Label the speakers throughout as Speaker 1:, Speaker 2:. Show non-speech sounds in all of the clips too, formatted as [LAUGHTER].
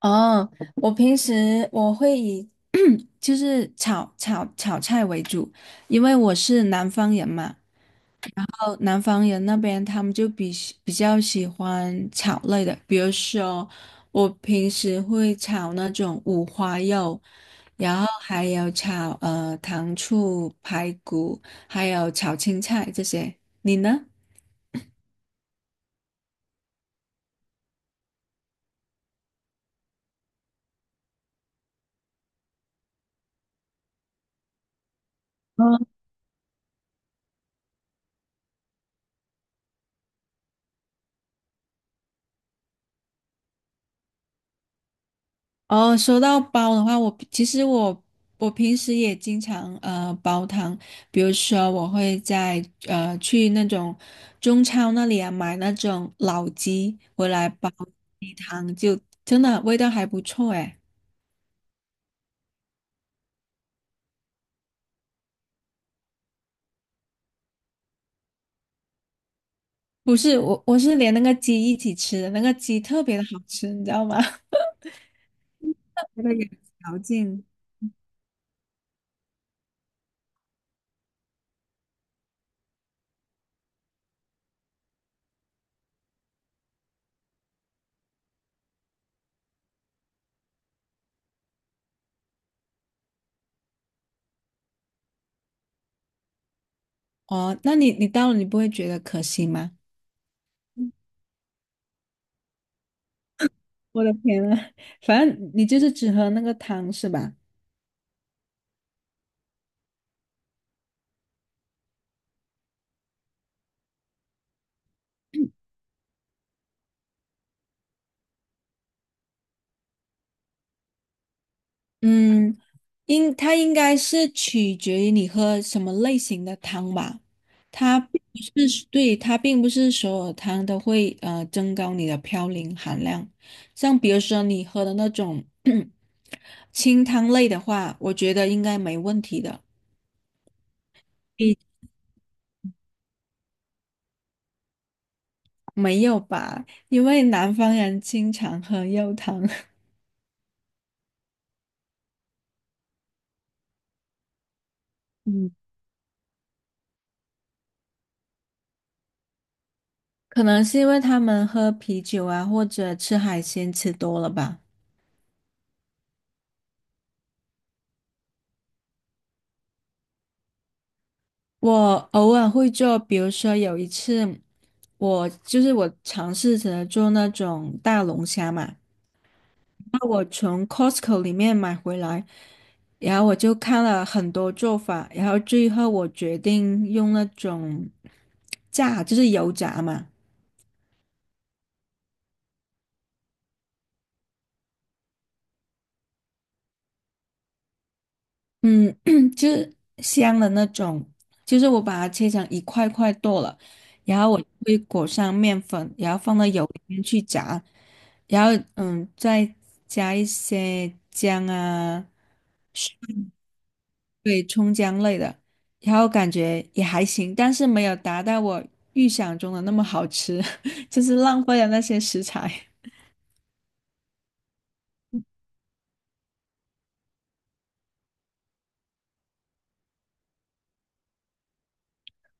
Speaker 1: 哦，我平时会以就是炒菜为主，因为我是南方人嘛。哦，南方人那边他们就比较喜欢炒类的，比如说我平时会炒那种五花肉，然后还有炒糖醋排骨，还有炒青菜这些。你呢？哦，说到煲的话，我其实我平时也经常煲汤，比如说我会去那种中超那里啊买那种老鸡回来煲鸡汤，就真的味道还不错诶。不是我是连那个鸡一起吃的，那个鸡特别的好吃，你知道吗？[LAUGHS] 那个有嚼劲。哦，那你你到了你不会觉得可惜吗？我的天呐，反正你就是只喝那个汤是吧？嗯。它应该是取决于你喝什么类型的汤吧，它并不是，对，它并不是所有汤都会增高你的嘌呤含量。像比如说你喝的那种 [CLEARS THROAT] 清汤类的话，我觉得应该没问题的。比没有吧，因为南方人经常喝肉汤。[LAUGHS] 嗯，可能是因为他们喝啤酒啊或者吃海鲜吃多了吧。我偶尔会做，比如说有一次，我就是我尝试着做那种大龙虾嘛，那我从 Costco 里面买回来，然后我就看了很多做法，然后最后我决定用那种炸，就是油炸嘛。嗯，[CLEARS THROAT] 就是香的那种，就是我把它切成一块块剁了，然后我会裹上面粉，然后放到油里面去炸，然后嗯，再加一些姜啊。对，葱姜类的，然后感觉也还行，但是没有达到我预想中的那么好吃，[LAUGHS] 就是浪费了那些食材。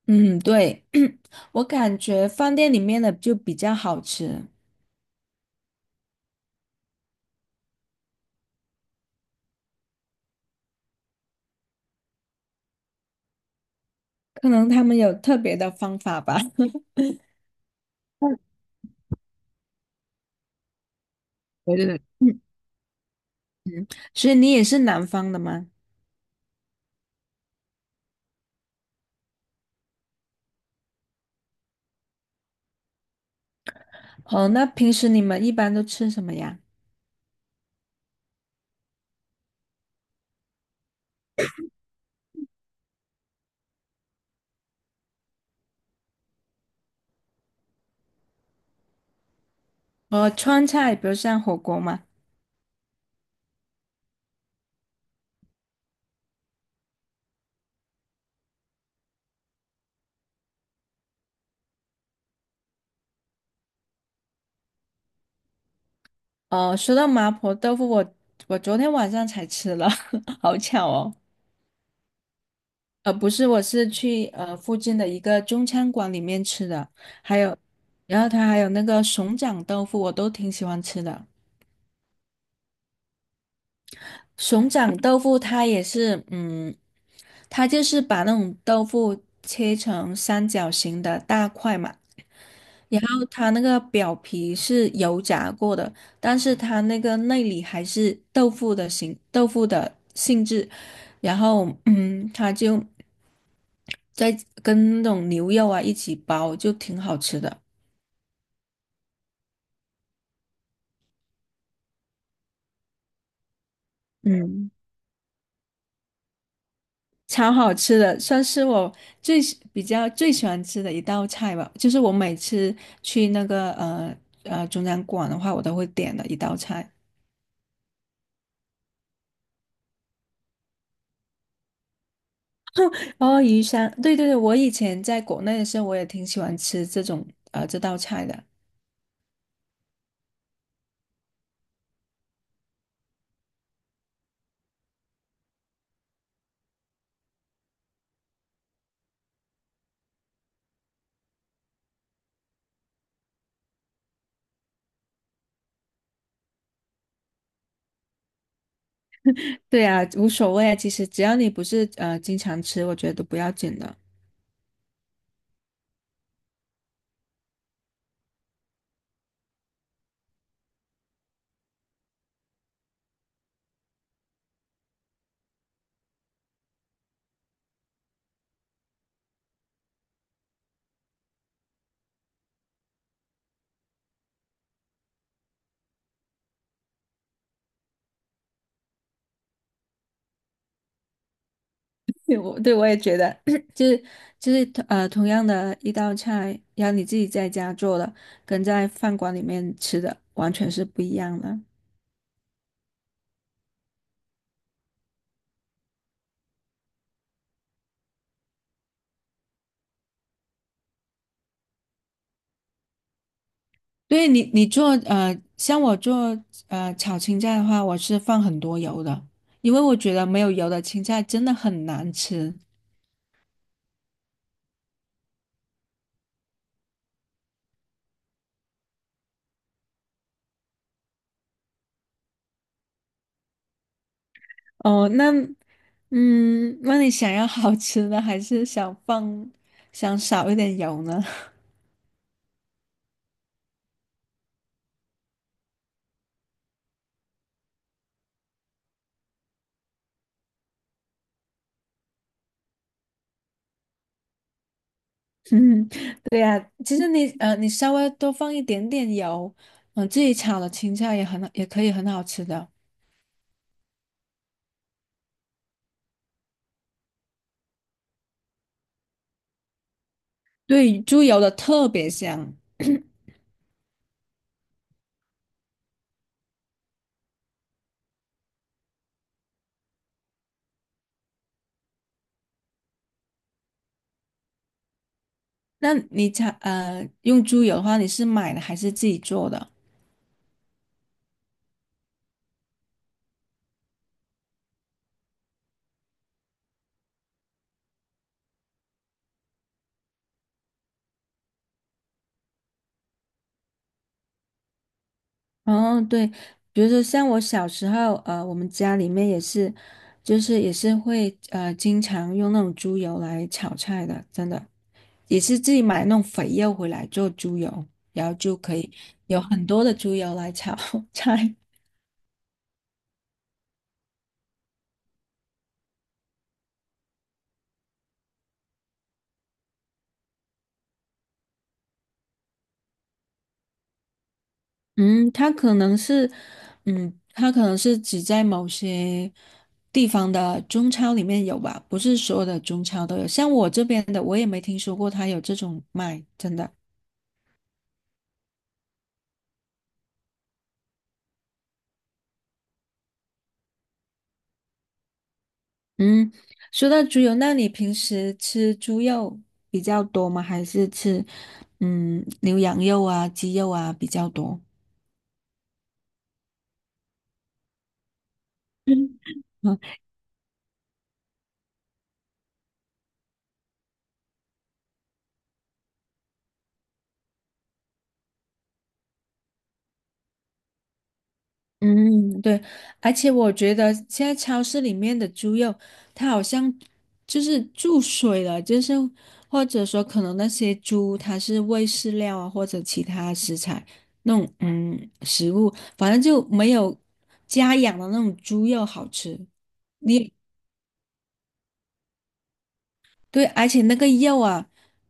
Speaker 1: 嗯，对，[CLEARS THROAT] 我感觉饭店里面的就比较好吃。可能他们有特别的方法吧。[LAUGHS] 对对对，嗯，所以你也是南方的吗？哦，那平时你们一般都吃什么呀？呃，川菜，比如像火锅嘛。哦，说到麻婆豆腐，我我昨天晚上才吃了，[LAUGHS] 好巧哦。呃，不是，我是去附近的一个中餐馆里面吃的，还有，然后它还有那个熊掌豆腐，我都挺喜欢吃的。熊掌豆腐它也是，嗯，它就是把那种豆腐切成三角形的大块嘛，然后它那个表皮是油炸过的，但是它那个内里还是豆腐的形，豆腐的性质，然后嗯，它就在跟那种牛肉啊一起包，就挺好吃的。嗯。超好吃的，算是我比较最喜欢吃的一道菜吧。就是我每次去那个中餐馆的话，我都会点的一道菜。哦，鱼香，对对对，我以前在国内的时候，我也挺喜欢吃这种这道菜的。对啊，无所谓啊，其实只要你不是经常吃，我觉得都不要紧的。[LAUGHS] 对，我也觉得，[COUGHS] [CLEARS THROAT] 就是就是同样的一道菜，要你自己在家做的，跟在饭馆里面吃的完全是不一样的。你做，像我做炒青菜的话，我是放很多油的，因为我觉得没有油的青菜真的很难吃。哦，那嗯，那你想要好吃的，还是想少一点油呢？[LAUGHS] 嗯，对呀，其实你，你稍微多放一点点油，嗯、自己炒的青菜也可以很好吃的。对，猪油的特别香。那你炒用猪油的话，你是买的还是自己做的？哦，对，比如说像我小时候，呃，我们家里面也是，就是也是会，经常用那种猪油来炒菜的，真的，也是自己买那种肥肉回来做猪油，然后就可以有很多的猪油来炒 [LAUGHS] 菜。嗯，它可能是，嗯，它可能是只在某些地方的中超里面有吧，不是所有的中超都有。像我这边的，我也没听说过它有这种卖，真的。嗯，说到猪油，那你平时吃猪肉比较多吗？还是吃嗯牛羊肉啊、鸡肉啊比较多？[LAUGHS] 嗯嗯，对，而且我觉得现在超市里面的猪肉，它好像就是注水了，就是或者说可能那些猪它是喂饲料啊，或者其他食材那种嗯食物，反正就没有家养的那种猪肉好吃。你对，而且那个肉啊，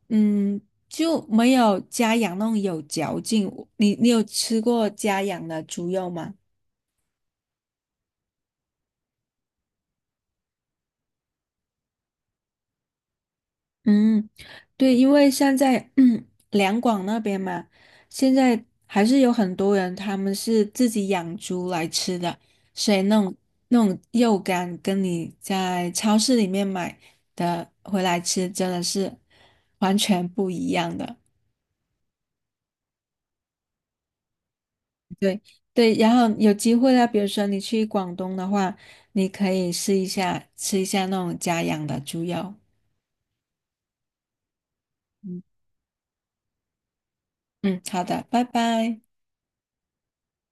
Speaker 1: 嗯，就没有家养那种有嚼劲。你你有吃过家养的猪肉吗？嗯，对，因为现在 [CLEARS THROAT] 嗯两广那边嘛，现在还是有很多人他们是自己养猪来吃的，所以那种肉干跟你在超市里面买的回来吃真的是完全不一样的。对对，然后有机会啊，比如说你去广东的话，你可以试一下吃一下那种家养的猪肉。嗯嗯，好的，拜拜。